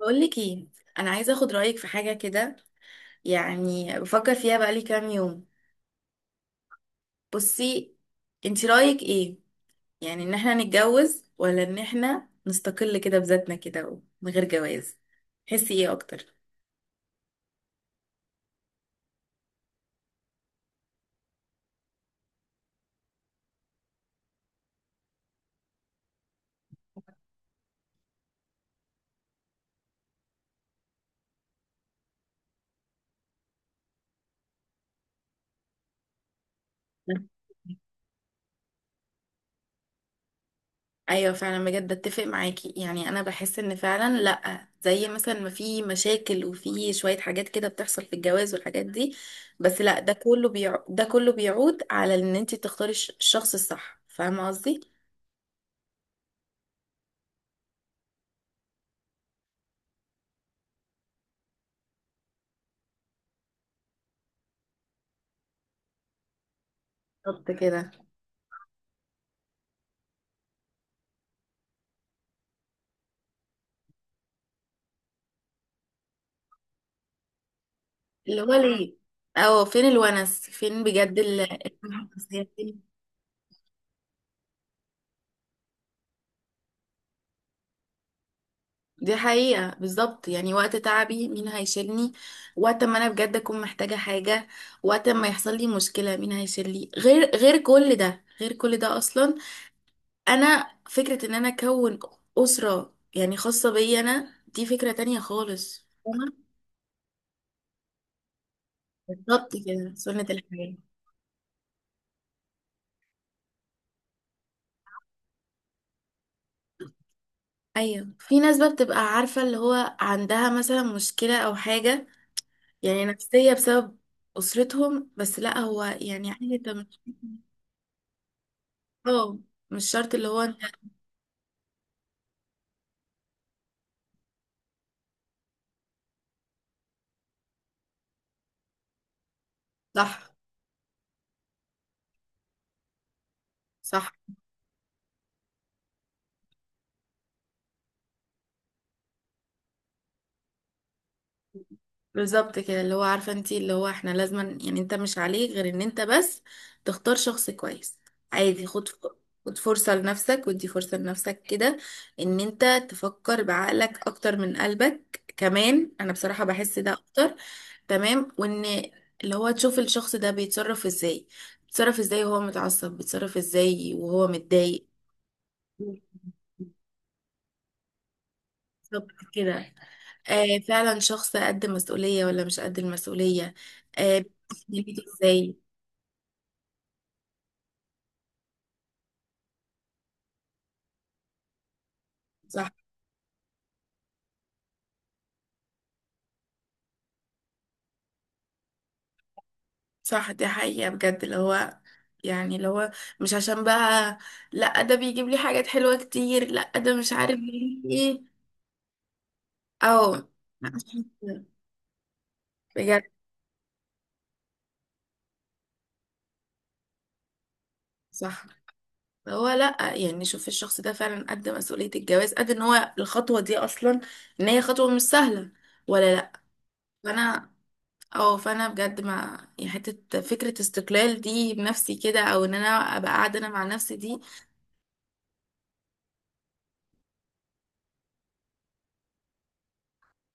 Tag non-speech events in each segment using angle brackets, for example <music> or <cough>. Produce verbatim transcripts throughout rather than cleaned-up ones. بقول لك ايه، انا عايزه اخد رايك في حاجه كده، يعني بفكر فيها بقالي كام يوم. بصي، انت رايك ايه؟ يعني ان احنا نتجوز ولا ان احنا نستقل كده بذاتنا كده من غير جواز؟ تحسي ايه اكتر؟ مم. ايوه، فعلا بجد اتفق معاكي، يعني انا بحس ان فعلا لا، زي مثلا ما في مشاكل وفي شويه حاجات كده بتحصل في الجواز والحاجات دي، بس لا، ده كله بيع... ده كله بيعود على ان انت تختاري الش- الشخص الصح، فاهمه قصدي؟ بالظبط كده. اللي هو ليه؟ اه، فين الونس؟ فين بجد ال- الفرحة النفسية؟ فين؟ دي حقيقة بالظبط، يعني وقت تعبي مين هيشيلني؟ وقت ما انا بجد اكون محتاجة حاجة، وقت ما يحصل لي مشكلة مين هيشيلني غير غير كل ده غير كل ده اصلا. انا فكرة ان انا اكون اسرة يعني خاصة بيا انا، دي فكرة تانية خالص، فاهمة؟ بالظبط كده، سنة الحياة. ايوه، في ناس بقى بتبقى عارفة اللي هو عندها مثلا مشكلة او حاجة يعني نفسية بسبب أسرتهم، بس لا هو يعني عادي انت مش. اه، مش شرط، اللي هو انت. صح. صح. بالظبط كده، اللي هو عارفه انت، اللي هو احنا لازم، يعني انت مش عليك غير ان انت بس تختار شخص كويس. عادي، خد ف- خد فرصه لنفسك، ودي فرصه لنفسك كده، ان انت تفكر بعقلك اكتر من قلبك. كمان انا بصراحه بحس ده اكتر. تمام. وان اللي هو تشوف الشخص ده بيتصرف ازاي، بيتصرف ازاي وهو متعصب، بيتصرف ازاي وهو متضايق. بالظبط كده. آه، فعلا شخص قد مسؤولية ولا مش قد المسؤولية. آه، بيتحمل ازاي. صح. صح، دي حقيقة بجد. اللي هو يعني اللي هو مش عشان بقى، لا ده بيجيب لي حاجات حلوة كتير، لا ده مش عارف بيجيب لي ايه. او <laughs> لا، مش كده. بجد. صح. هو لا يعني، شوف الشخص ده فعلا قد مسؤولية الجواز، قد ان هو الخطوة دي اصلا، ان هي خطوة مش سهلة ولا لا؟ فانا اه فانا بجد، ما يعني، حته فكره استقلال دي بنفسي كده، او ان انا ابقى قاعده انا مع نفسي دي.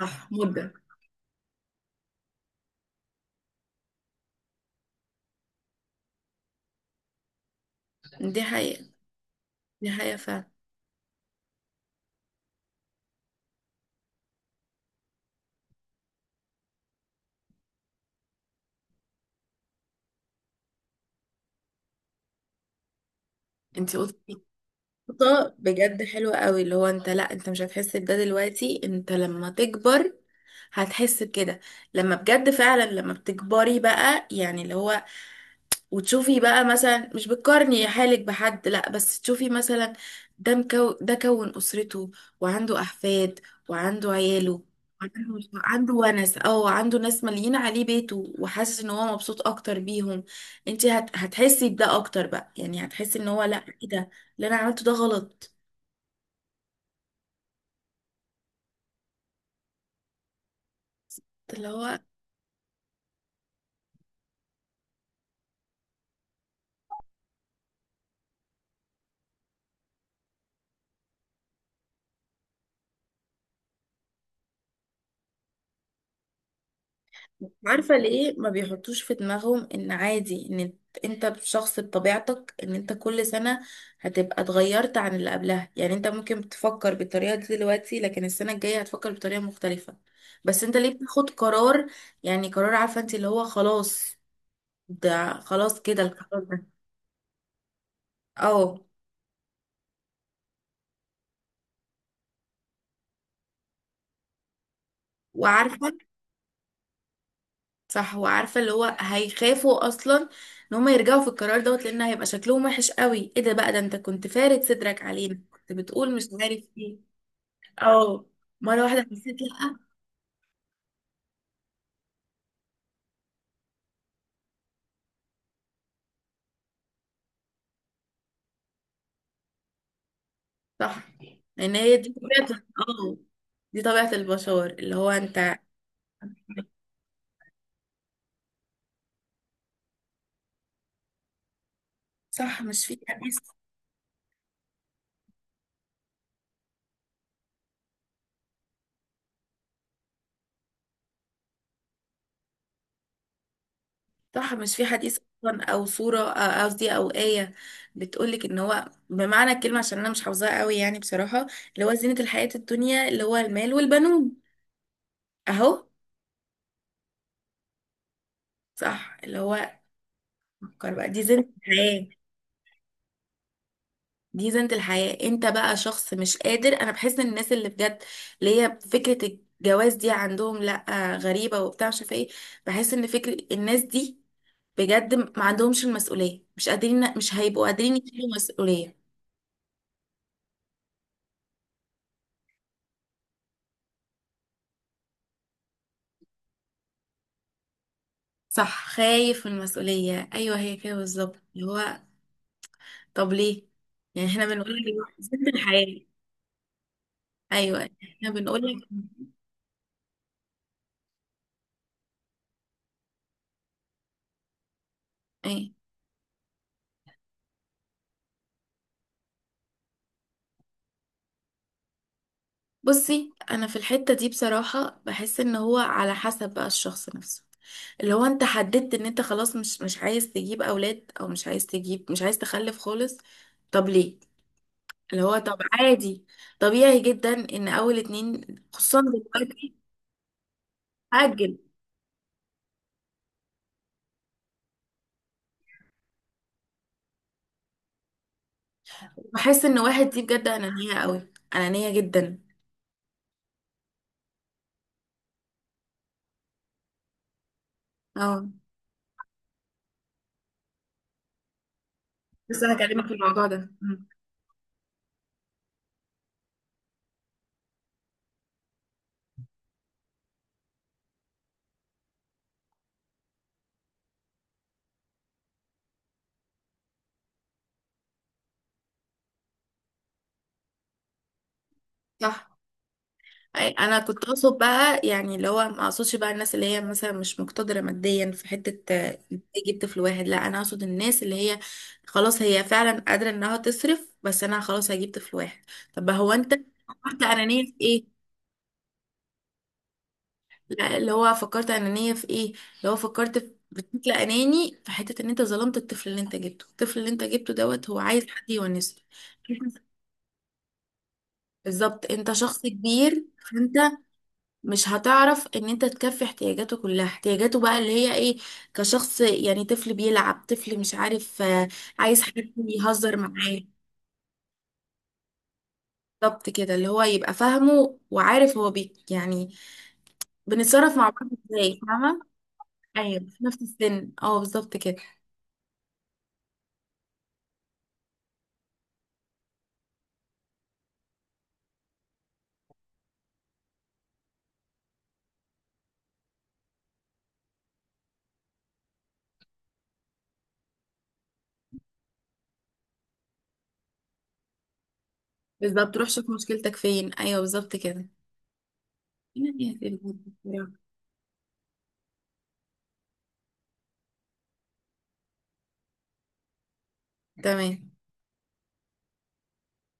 صح، مده. دي حقيقه، دي حقيقه فعلا. انت قلتي نقطه بجد حلوه قوي، اللي هو انت لا، انت مش هتحس بده دلوقتي، انت لما تكبر هتحس بكده. لما بجد فعلا لما بتكبري بقى، يعني اللي هو وتشوفي بقى مثلا، مش بتقارني حالك بحد لا، بس تشوفي مثلا ده مكو ده كون أسرته وعنده أحفاد. وعنده عياله، وعنده عنده ونس او عنده ناس مالين عليه بيته، وحاسس ان هو مبسوط اكتر بيهم. انت هت... هتحسي بده اكتر بقى، يعني هتحسي ان هو لا، ايه ده اللي انا عملته، ده غلط. اللي هو عارفة ليه ما بيحطوش في دماغهم ان عادي، ان انت شخص بطبيعتك، ان انت كل سنة هتبقى اتغيرت عن اللي قبلها، يعني انت ممكن تفكر بالطريقة دي دلوقتي لكن السنة الجاية هتفكر بطريقة مختلفة. بس انت ليه بتاخد قرار، يعني قرار، عارفة انت اللي هو خلاص، ده خلاص كده القرار ده. اه. وعارفة. صح. وعارفة اللي هو هيخافوا اصلا ان هم يرجعوا في القرار دوت، لان هيبقى شكلهم وحش قوي، ايه ده بقى؟ ده انت كنت فارد صدرك علينا كنت بتقول مش عارف ايه. اه، مرة واحدة حسيت لأ. صح، لأن هي دي طبيعة. اه. دي طبيعة البشر، اللي هو انت. صح، مش في حديث؟ صح، مش في حديث أصلا، أو صورة آه، قصدي أو آية بتقولك إن هو بمعنى الكلمة، عشان أنا مش حافظاها قوي يعني بصراحة، اللي هو زينة الحياة الدنيا اللي هو المال والبنون، أهو. صح، اللي هو فكر بقى، دي زينة الحياة. دي زينة الحياة. انت بقى شخص مش قادر. انا بحس ان الناس اللي بجد اللي هي فكرة الجواز دي عندهم لا، غريبة وبتاع مش عارفة ايه. بحس ان فكرة الناس دي بجد ما عندهمش المسؤولية، مش قادرين، مش هيبقوا قادرين يشيلوا مسؤولية. صح، خايف من المسؤولية ايوه، هي كده بالظبط اللي هو. طب ليه؟ يعني احنا بنقول لك زينة الحياة. ايوه، احنا بنقول لك ايه. بصي، انا في الحتة دي بصراحة بحس ان هو على حسب بقى الشخص نفسه، اللي هو انت حددت ان انت خلاص مش مش عايز تجيب اولاد، او مش عايز تجيب، مش عايز تخلف خالص. طب ليه؟ اللي هو طب عادي، طبيعي جدا ان اول اتنين، خصوصا دلوقتي. هاجل. بحس ان واحد دي بجد انانية قوي، انانية جدا. اه. بس انا هكلمك في الموضوع ده. مم. صح. أي- انا كنت اقصد بقى يعني اللي هو، ما اقصدش بقى الناس اللي هي مثلا مش مقتدره ماديا في حته، آه، تجيب طفل واحد. لا، انا اقصد الناس اللي هي خلاص هي فعلا قادره انها تصرف، بس انا خلاص هجيب طفل واحد. طب هو انت فكرت انانيه في ايه؟ لا، اللي هو فكرت انانيه في ايه، اللي هو فكرت في- بشكل اناني في حته ان انت ظلمت الطفل اللي انت جبته، الطفل اللي انت جبته دوت هو عايز حد يونسه. بالظبط. انت شخص كبير، فانت مش هتعرف ان انت تكفي احتياجاته كلها. احتياجاته بقى اللي هي ايه؟ كشخص يعني طفل بيلعب، طفل مش عارف آه، عايز حد يهزر معاه. بالظبط كده، اللي هو يبقى فاهمه وعارف هو، بي يعني بنتصرف مع بعض ازاي، فاهمة؟ ايوه، في نفس السن. اه، بالظبط كده. بالظبط، روح شوف مشكلتك فين. ايوه، بالظبط كده، يعني هتبقى- تمام.